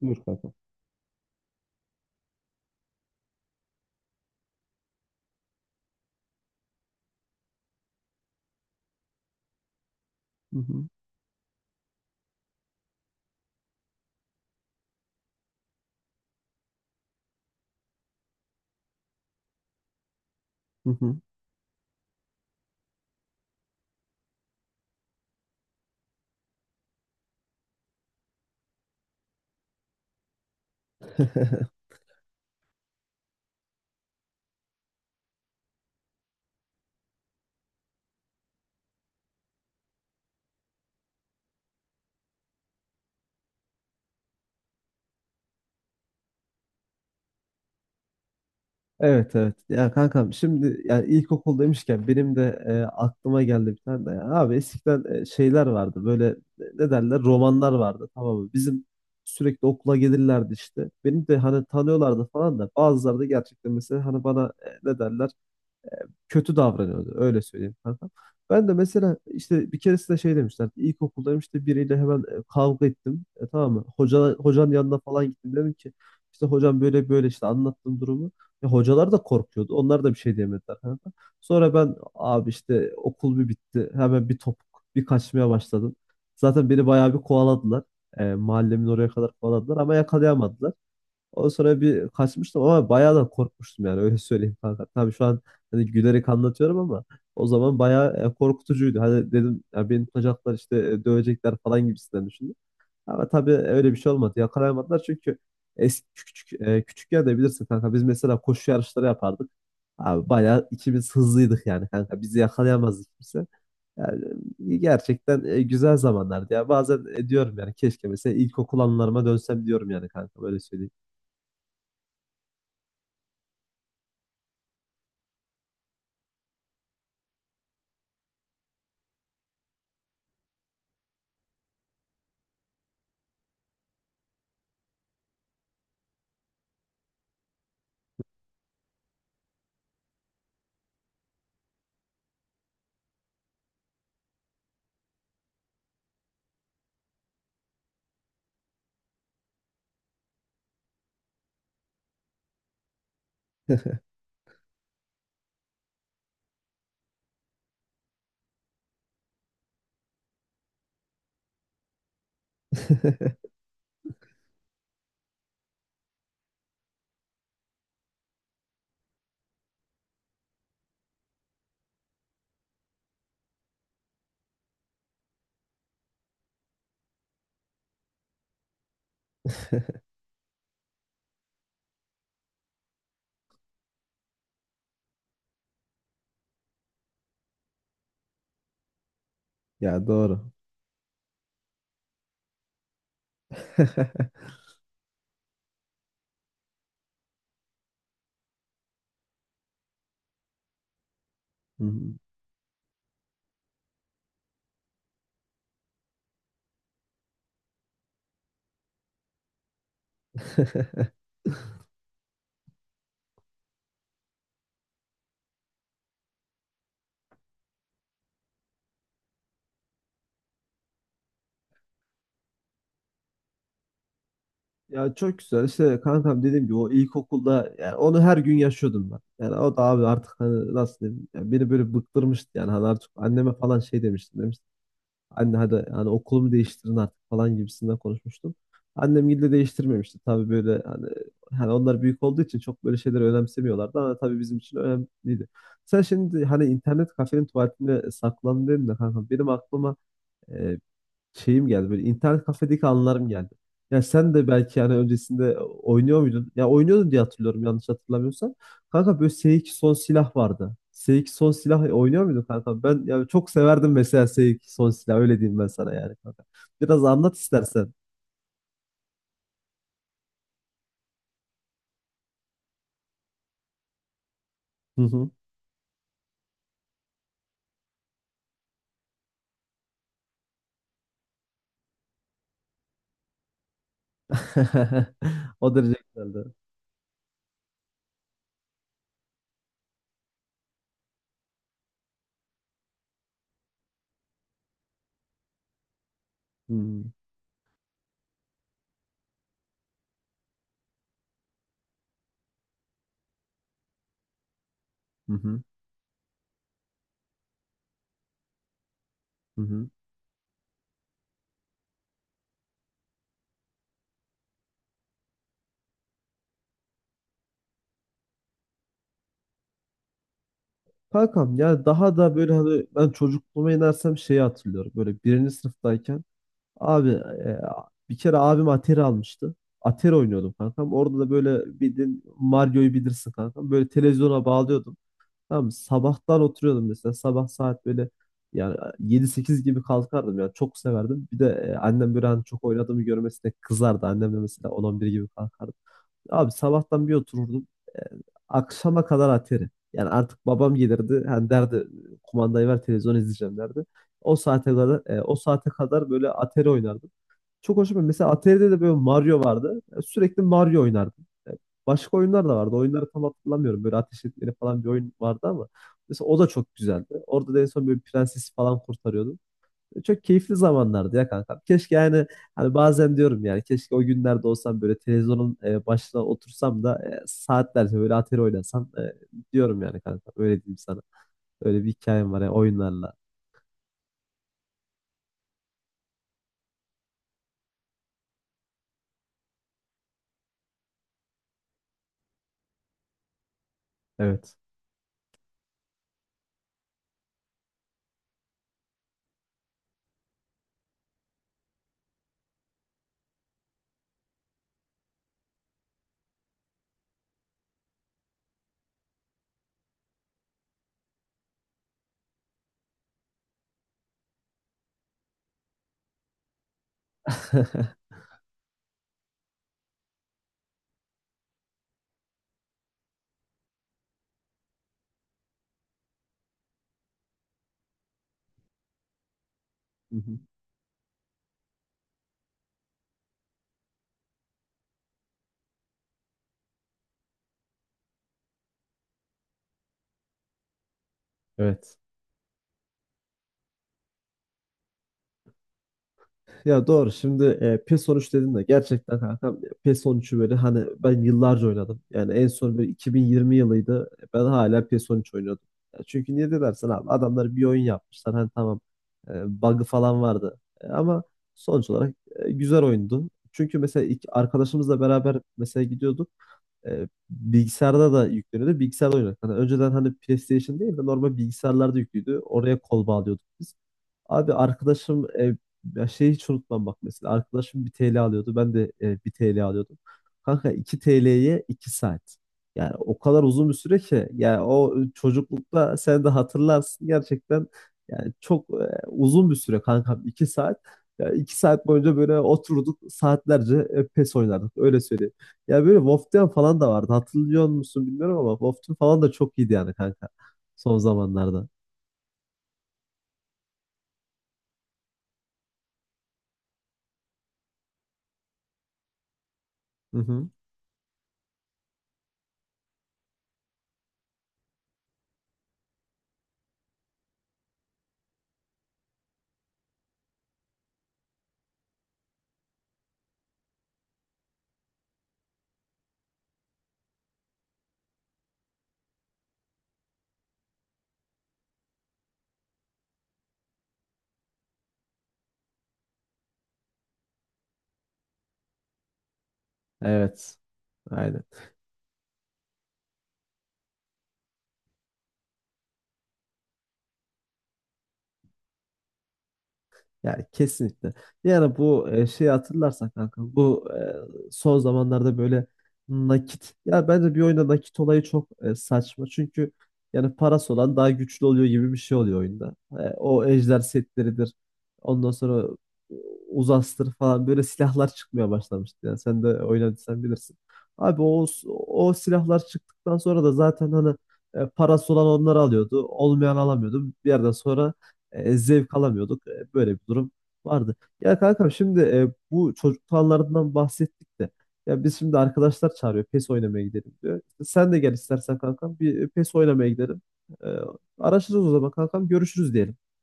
Buyur kanka. Hı hı. Hı hı. Evet evet. Ya kankam, şimdi yani ilkokul demişken benim de aklıma geldi bir tane de. Ya. Abi eskiden şeyler vardı böyle, ne derler, romanlar vardı, tamam mı? Bizim sürekli okula gelirlerdi işte. Beni de hani tanıyorlardı falan da bazıları da gerçekten mesela hani bana ne derler, kötü davranıyordu. Öyle söyleyeyim kanka. Ben de mesela işte bir keresinde şey demişler. İlkokuldayım işte, biriyle hemen kavga ettim. Tamam mı? Hocanın yanına falan gittim. Dedim ki işte hocam böyle böyle, işte anlattım durumu. Hocalar da korkuyordu. Onlar da bir şey diyemediler kanka. Sonra ben abi işte okul bir bitti. Hemen bir topuk bir kaçmaya başladım. Zaten beni bayağı bir kovaladılar. Mahallemin oraya kadar kovaladılar ama yakalayamadılar. Ondan sonra bir kaçmıştım ama bayağı da korkmuştum yani, öyle söyleyeyim kanka. Tabii şu an hani gülerek anlatıyorum ama o zaman bayağı korkutucuydu. Hani dedim ya, beni tutacaklar işte, dövecekler falan gibisinden düşündüm. Ama tabii öyle bir şey olmadı. Yakalayamadılar çünkü eski küçük yerde, bilirsin kanka, biz mesela koşu yarışları yapardık. Abi bayağı ikimiz hızlıydık yani kanka. Bizi yakalayamazdı kimse. Yani gerçekten güzel zamanlardı ya. Bazen diyorum yani, keşke mesela ilkokul anılarıma dönsem diyorum yani kanka, böyle söyleyeyim. Ya doğru. Hı hı. Ya çok güzel işte kankam, dediğim gibi o ilkokulda yani onu her gün yaşıyordum ben. Yani o da abi artık, hani nasıl diyeyim yani, beni böyle bıktırmıştı yani, hani artık anneme falan şey demiştim demiştim. Anne hadi, hani okulumu değiştirin artık falan gibisinden konuşmuştum. Annem gille değiştirmemişti tabii, böyle hani onlar büyük olduğu için çok böyle şeyleri önemsemiyorlardı ama tabii bizim için önemliydi. Sen şimdi hani internet kafenin tuvaletinde saklandın dedin de kankam, benim aklıma şeyim geldi, böyle internet kafedeki anılarım geldi. Ya sen de belki yani öncesinde oynuyor muydun? Ya oynuyordun diye hatırlıyorum, yanlış hatırlamıyorsam. Kanka böyle S2 son silah vardı. S2 son silah oynuyor muydun kanka? Ben ya çok severdim mesela S2 son silah, öyle diyeyim ben sana yani kanka. Biraz anlat istersen. Hı hı. O derece güzeldi. Hı hı. Hı hı. Hı hı. Kankam ya, daha da böyle hani ben çocukluğuma inersem şeyi hatırlıyorum. Böyle birinci sınıftayken abi, bir kere abim Atari almıştı. Atari oynuyordum kankam. Orada da böyle bildiğin Mario'yu bilirsin kankam. Böyle televizyona bağlıyordum. Tamam mı? Sabahtan oturuyordum mesela. Sabah saat böyle yani yedi sekiz gibi kalkardım yani çok severdim. Bir de annem, böyle hani çok oynadığımı görmesine kızardı. Annem de mesela 10-11 gibi kalkardı. Abi sabahtan bir otururdum. E, akşama kadar Atari. Yani artık babam gelirdi. Hani derdi, kumandayı ver, televizyon izleyeceğim derdi. O saate kadar böyle Atari oynardım. Çok hoşuma mesela Atari'de de böyle Mario vardı. Ya sürekli Mario oynardım. Ya başka oyunlar da vardı. Oyunları tam hatırlamıyorum. Böyle ateş etmeli falan bir oyun vardı ama mesela o da çok güzeldi. Orada da en son böyle prensesi falan kurtarıyordum. Çok keyifli zamanlardı ya kanka. Keşke yani, hani bazen diyorum yani keşke o günlerde olsam, böyle televizyonun başına otursam da saatlerce böyle Atari oynasam, diyorum yani kanka. Öyle diyeyim sana. Öyle bir hikayem var ya oyunlarla. Evet. Hı hı. Evet. Ya doğru, şimdi PES 13 dedin de gerçekten kankam, PES 13'ü böyle hani ben yıllarca oynadım. Yani en son böyle 2020 yılıydı. Ben hala PES 13 oynuyordum. Ya çünkü, niye de dersen, abi adamlar bir oyun yapmışlar, hani tamam bug'ı falan vardı. Ama sonuç olarak güzel oyundu. Çünkü mesela iki, arkadaşımızla beraber mesela gidiyorduk, bilgisayarda da yükleniyordu. Bilgisayarda oynuyorduk. Hani önceden hani PlayStation değil de normal bilgisayarlarda yüklüydü. Oraya kol bağlıyorduk biz. Abi arkadaşım, ya şeyi hiç unutmam, bak mesela. Arkadaşım bir TL alıyordu. Ben de bir TL alıyordum. Kanka 2 TL'ye 2 saat. Yani o kadar uzun bir süre ki yani, o çocuklukta sen de hatırlarsın gerçekten, yani çok uzun bir süre kankam, 2 saat. Ya 2 saat boyunca böyle oturduk, saatlerce PES oynardık, öyle söyleyeyim. Ya böyle Wolfteam falan da vardı. Hatırlıyor musun bilmiyorum ama Wolfteam falan da çok iyiydi yani kanka. Son zamanlarda. Hı hı. Evet. Aynen. Yani kesinlikle. Yani bu şeyi hatırlarsan kanka, bu son zamanlarda böyle nakit, ya bence bir oyunda nakit olayı çok saçma. Çünkü yani parası olan daha güçlü oluyor gibi bir şey oluyor oyunda. O ejder setleridir. Ondan sonra e, uzastır falan böyle silahlar çıkmaya başlamıştı. Yani sen de oynadıysan bilirsin. Abi o silahlar çıktıktan sonra da zaten hani parası olan onları alıyordu. Olmayan alamıyordu. Bir yerden sonra zevk alamıyorduk. Böyle bir durum vardı. Ya kankam, şimdi bu çocuklarından bahsettik de, ya biz şimdi, arkadaşlar çağırıyor PES oynamaya gidelim diyor. İşte sen de gel istersen kankam, bir PES oynamaya gidelim. E, araşırız o zaman kankam, görüşürüz diyelim.